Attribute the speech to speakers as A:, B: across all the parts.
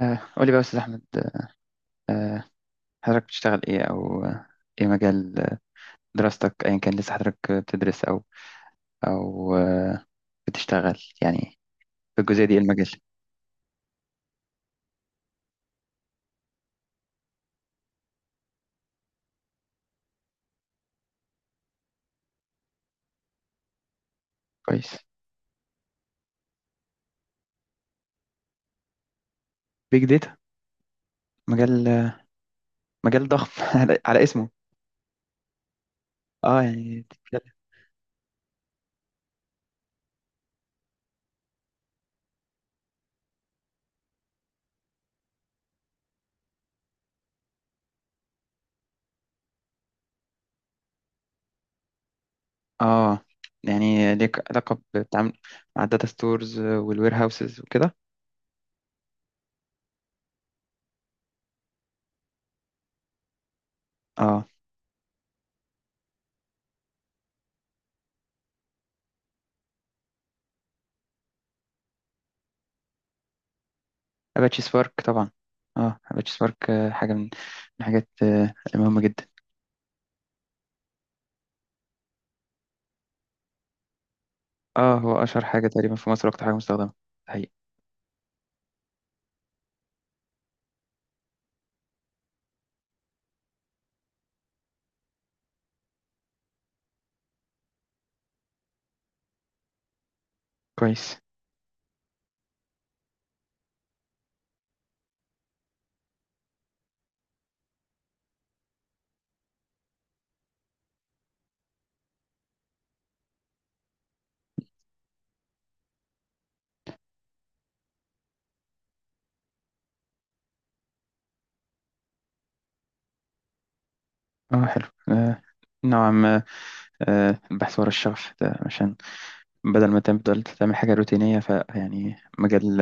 A: قولي بقى يا أستاذ أحمد. آه، حضرتك بتشتغل إيه، أو إيه مجال دراستك، أيا كان؟ لسه حضرتك بتدرس، أو أو آه، بتشتغل يعني في الجزئية دي؟ إيه المجال؟ كويس. بيج داتا. مجال آه، مجال ضخم على اسمه. اه يعني بتتكلم. اه يعني ليك علاقة بالتعامل مع الداتا ستورز والوير هاوسز وكده. اه، أباتشي سبارك طبعا. اه، أباتشي سبارك حاجة من الحاجات المهمة جدا. اه، هو أشهر حاجة تقريبا في مصر وأكتر حاجة مستخدمة. كويس. اه، حلو. آه، نوعا ما. البحث ورا الشغف ده، عشان بدل ما تفضل تعمل حاجة روتينية، فيعني مجال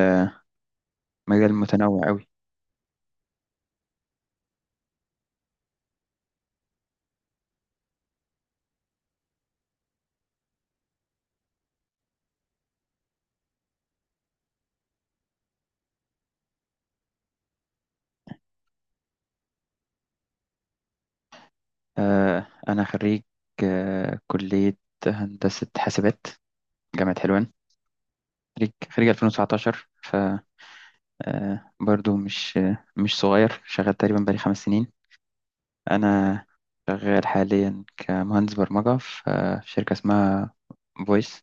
A: مجال متنوع قوي. آه، أنا خريج كلية هندسة حاسبات، جامعة حلوان. خريج 2019. ف آه برضو مش صغير، شغال تقريبا بقالي 5 سنين. أنا شغال حاليا كمهندس برمجة في في شركة اسمها فويس.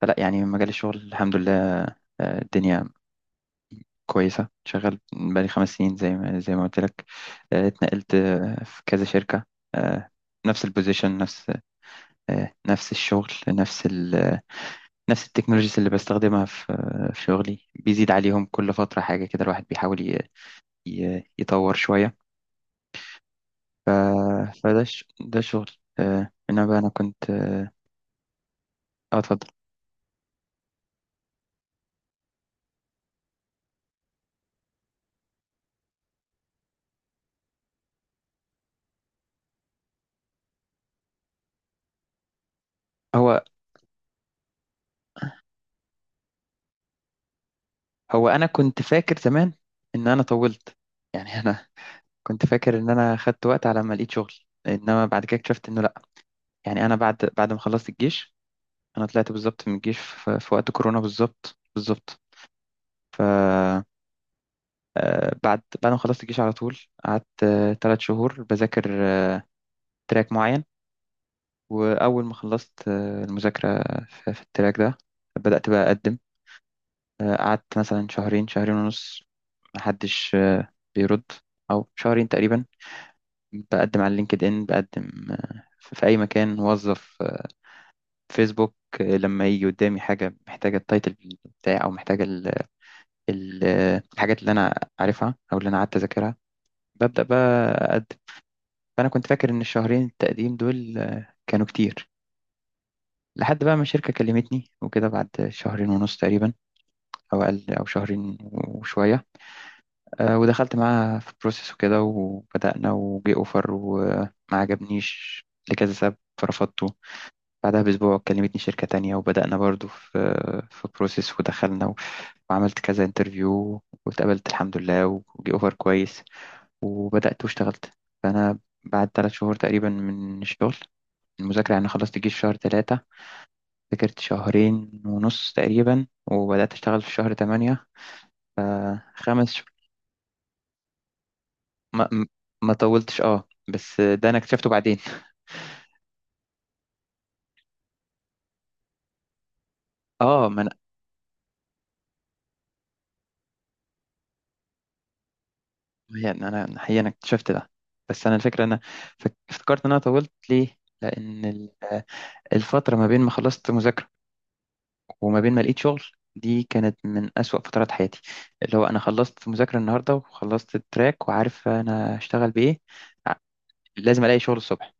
A: فلا يعني مجال الشغل الحمد لله الدنيا كويسة. شغال بقالي 5 سنين، زي ما قلت لك. اتنقلت في كذا شركة، آه، نفس البوزيشن، نفس الشغل، نفس التكنولوجيز اللي بستخدمها في في شغلي، بيزيد عليهم كل فترة حاجة كده. الواحد بيحاول يطور شوية. فده ده شغل. انما بقى انا كنت... اتفضل. هو هو انا كنت فاكر زمان ان انا طولت. يعني انا كنت فاكر ان انا خدت وقت على ما لقيت شغل، انما بعد كده اكتشفت انه يعني انا بعد ما خلصت الجيش. انا طلعت بالظبط من الجيش في وقت كورونا، بالظبط بالظبط. ف آه، بعد ما خلصت الجيش على طول قعدت 3 شهور بذاكر تراك معين. واول ما خلصت المذاكره في التراك ده، بدات بقى اقدم. قعدت مثلا شهرين، شهرين ونص محدش بيرد، او شهرين تقريبا. بقدم على لينكد ان، بقدم في اي مكان، موظف فيسبوك. لما يجي قدامي حاجة محتاجة التايتل بتاعي، أو محتاجة ال ال الحاجات اللي أنا عارفها أو اللي أنا قعدت أذاكرها، ببدأ بقى أقدم. فأنا كنت فاكر إن الشهرين التقديم دول كانوا كتير، لحد بقى ما الشركة كلمتني وكده بعد شهرين ونص تقريبا، أو أقل، أو شهرين وشوية. ودخلت معاها في بروسيس وكده، وبدأنا، وجي أوفر، وما عجبنيش لكذا سبب فرفضت. بعدها بأسبوع كلمتني شركة تانية، وبدأنا برضو في بروسيس، ودخلنا، وعملت كذا انترفيو واتقبلت الحمد لله، وجي اوفر كويس، وبدأت واشتغلت. فأنا بعد 3 شهور تقريبا من الشغل المذاكرة يعني، خلصت الجيش شهر ثلاثة، ذاكرت شهرين ونص تقريبا، وبدأت أشتغل في شهر تمانية. ف- خمس ش... ما... ما ما طولتش. اه، بس ده أنا اكتشفته بعدين. اه، ما هي إن انا حقيقة انا اكتشفت ده. بس انا الفكرة انا افتكرت ان انا طولت ليه، لان الفترة ما بين ما خلصت مذاكرة وما بين ما لقيت شغل دي كانت من أسوأ فترات حياتي. اللي هو أنا خلصت مذاكرة النهاردة وخلصت التراك وعارف أنا هشتغل بإيه، لازم ألاقي شغل الصبح.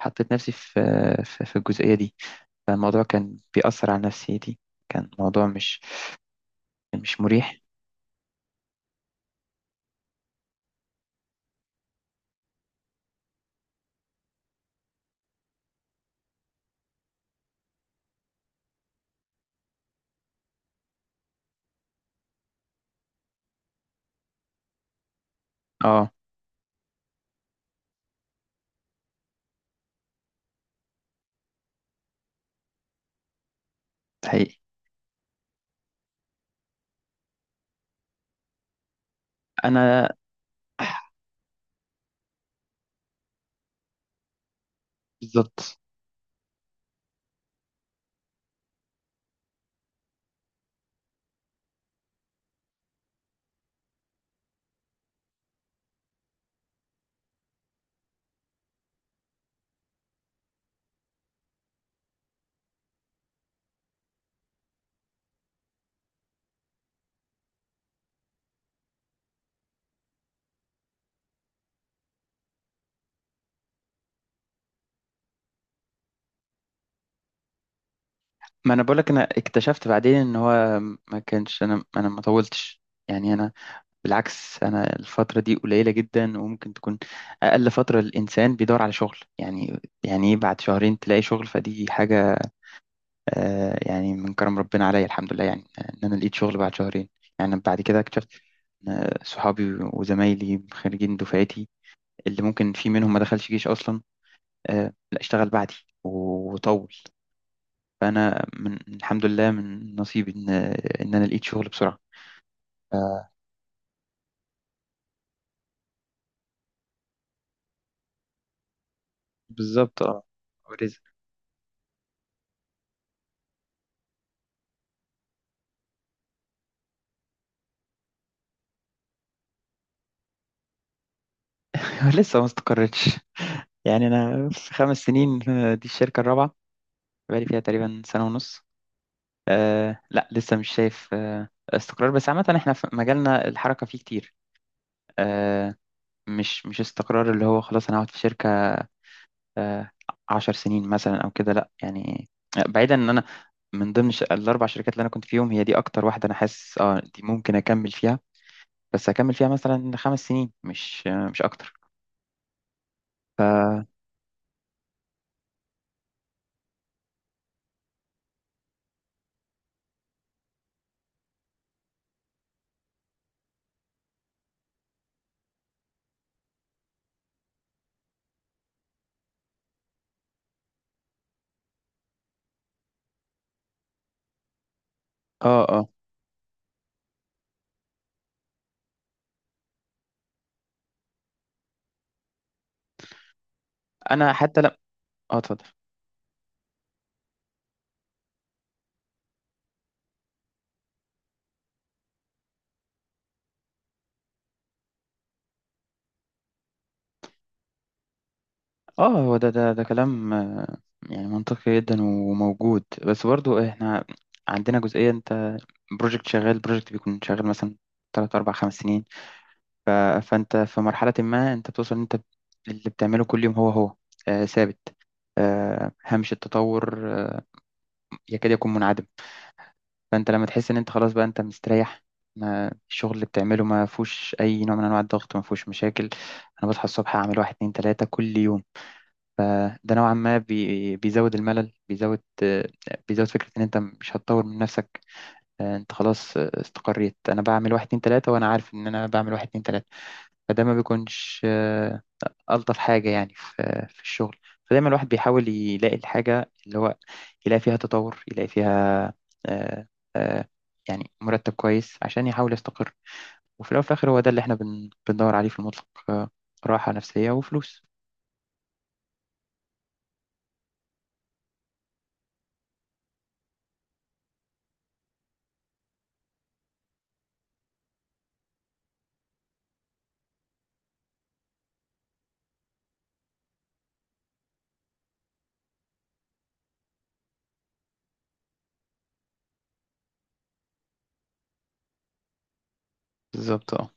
A: حطيت نفسي في في الجزئية دي، فالموضوع كان بيأثر على نفسيتي. كان موضوع مش مريح. اه، حقيقي. أنا بالظبط. ما انا بقولك انا اكتشفت بعدين ان هو ما كانش، انا ما طولتش. يعني انا، بالعكس، انا الفتره دي قليله جدا وممكن تكون اقل فتره الانسان بيدور على شغل. يعني يعني ايه بعد شهرين تلاقي شغل؟ فدي حاجه، آه، يعني من كرم ربنا عليا الحمد لله، يعني ان انا لقيت شغل بعد شهرين. يعني بعد كده اكتشفت إن صحابي وزمايلي خريجين دفعتي، اللي ممكن في منهم ما دخلش جيش اصلا، آه، لا، اشتغل بعدي وطول. فانا من الحمد لله من نصيبي ان انا لقيت شغل بسرعه. ف- بالظبط اه. ورزق. لسه ما استقرتش. يعني انا في 5 سنين، دي الشركه الرابعه. بقالي فيها تقريبا سنه ونص. أه، لا، لسه مش شايف استقرار. بس عامه احنا في مجالنا الحركه فيه كتير. أه، مش استقرار اللي هو خلاص انا هقعد في شركه أه 10 سنين مثلا او كده، لا يعني. بعيدا، ان انا من ضمن الاربع شركات اللي انا كنت فيهم، هي دي اكتر واحده انا حاسس اه دي ممكن اكمل فيها. بس هكمل فيها مثلا 5 سنين، مش اكتر. اه، اه، انا حتى لا... اه اتفضل. اه، هو ده كلام يعني منطقي جدا وموجود. بس برضو احنا عندنا جزئية. انت بروجكت بيكون شغال مثلا تلات، أربع، خمس سنين. ف... فأنت في مرحلة ما أنت بتوصل إن أنت اللي بتعمله كل يوم هو ثابت. هامش التطور يكاد يكون منعدم. فانت لما تحس ان انت خلاص بقى انت مستريح، ما الشغل اللي بتعمله ما فيهوش اي نوع من انواع الضغط، ما فيهوش مشاكل. انا بصحى الصبح اعمل واحد اتنين تلاته كل يوم. فده نوعا ما بيزود الملل، بيزود فكره ان انت مش هتطور من نفسك. انت خلاص استقريت. انا بعمل واحد اتنين تلاته وانا عارف ان انا بعمل واحد اتنين تلاته. فده ما بيكونش ألطف حاجة يعني في الشغل. فدايما الواحد بيحاول يلاقي الحاجة اللي هو يلاقي فيها تطور، يلاقي فيها آه، آه، يعني مرتب كويس عشان يحاول يستقر. وفي الأول وفي الآخر هو ده اللي احنا بندور عليه في المطلق، راحة نفسية وفلوس. بالظبط اه.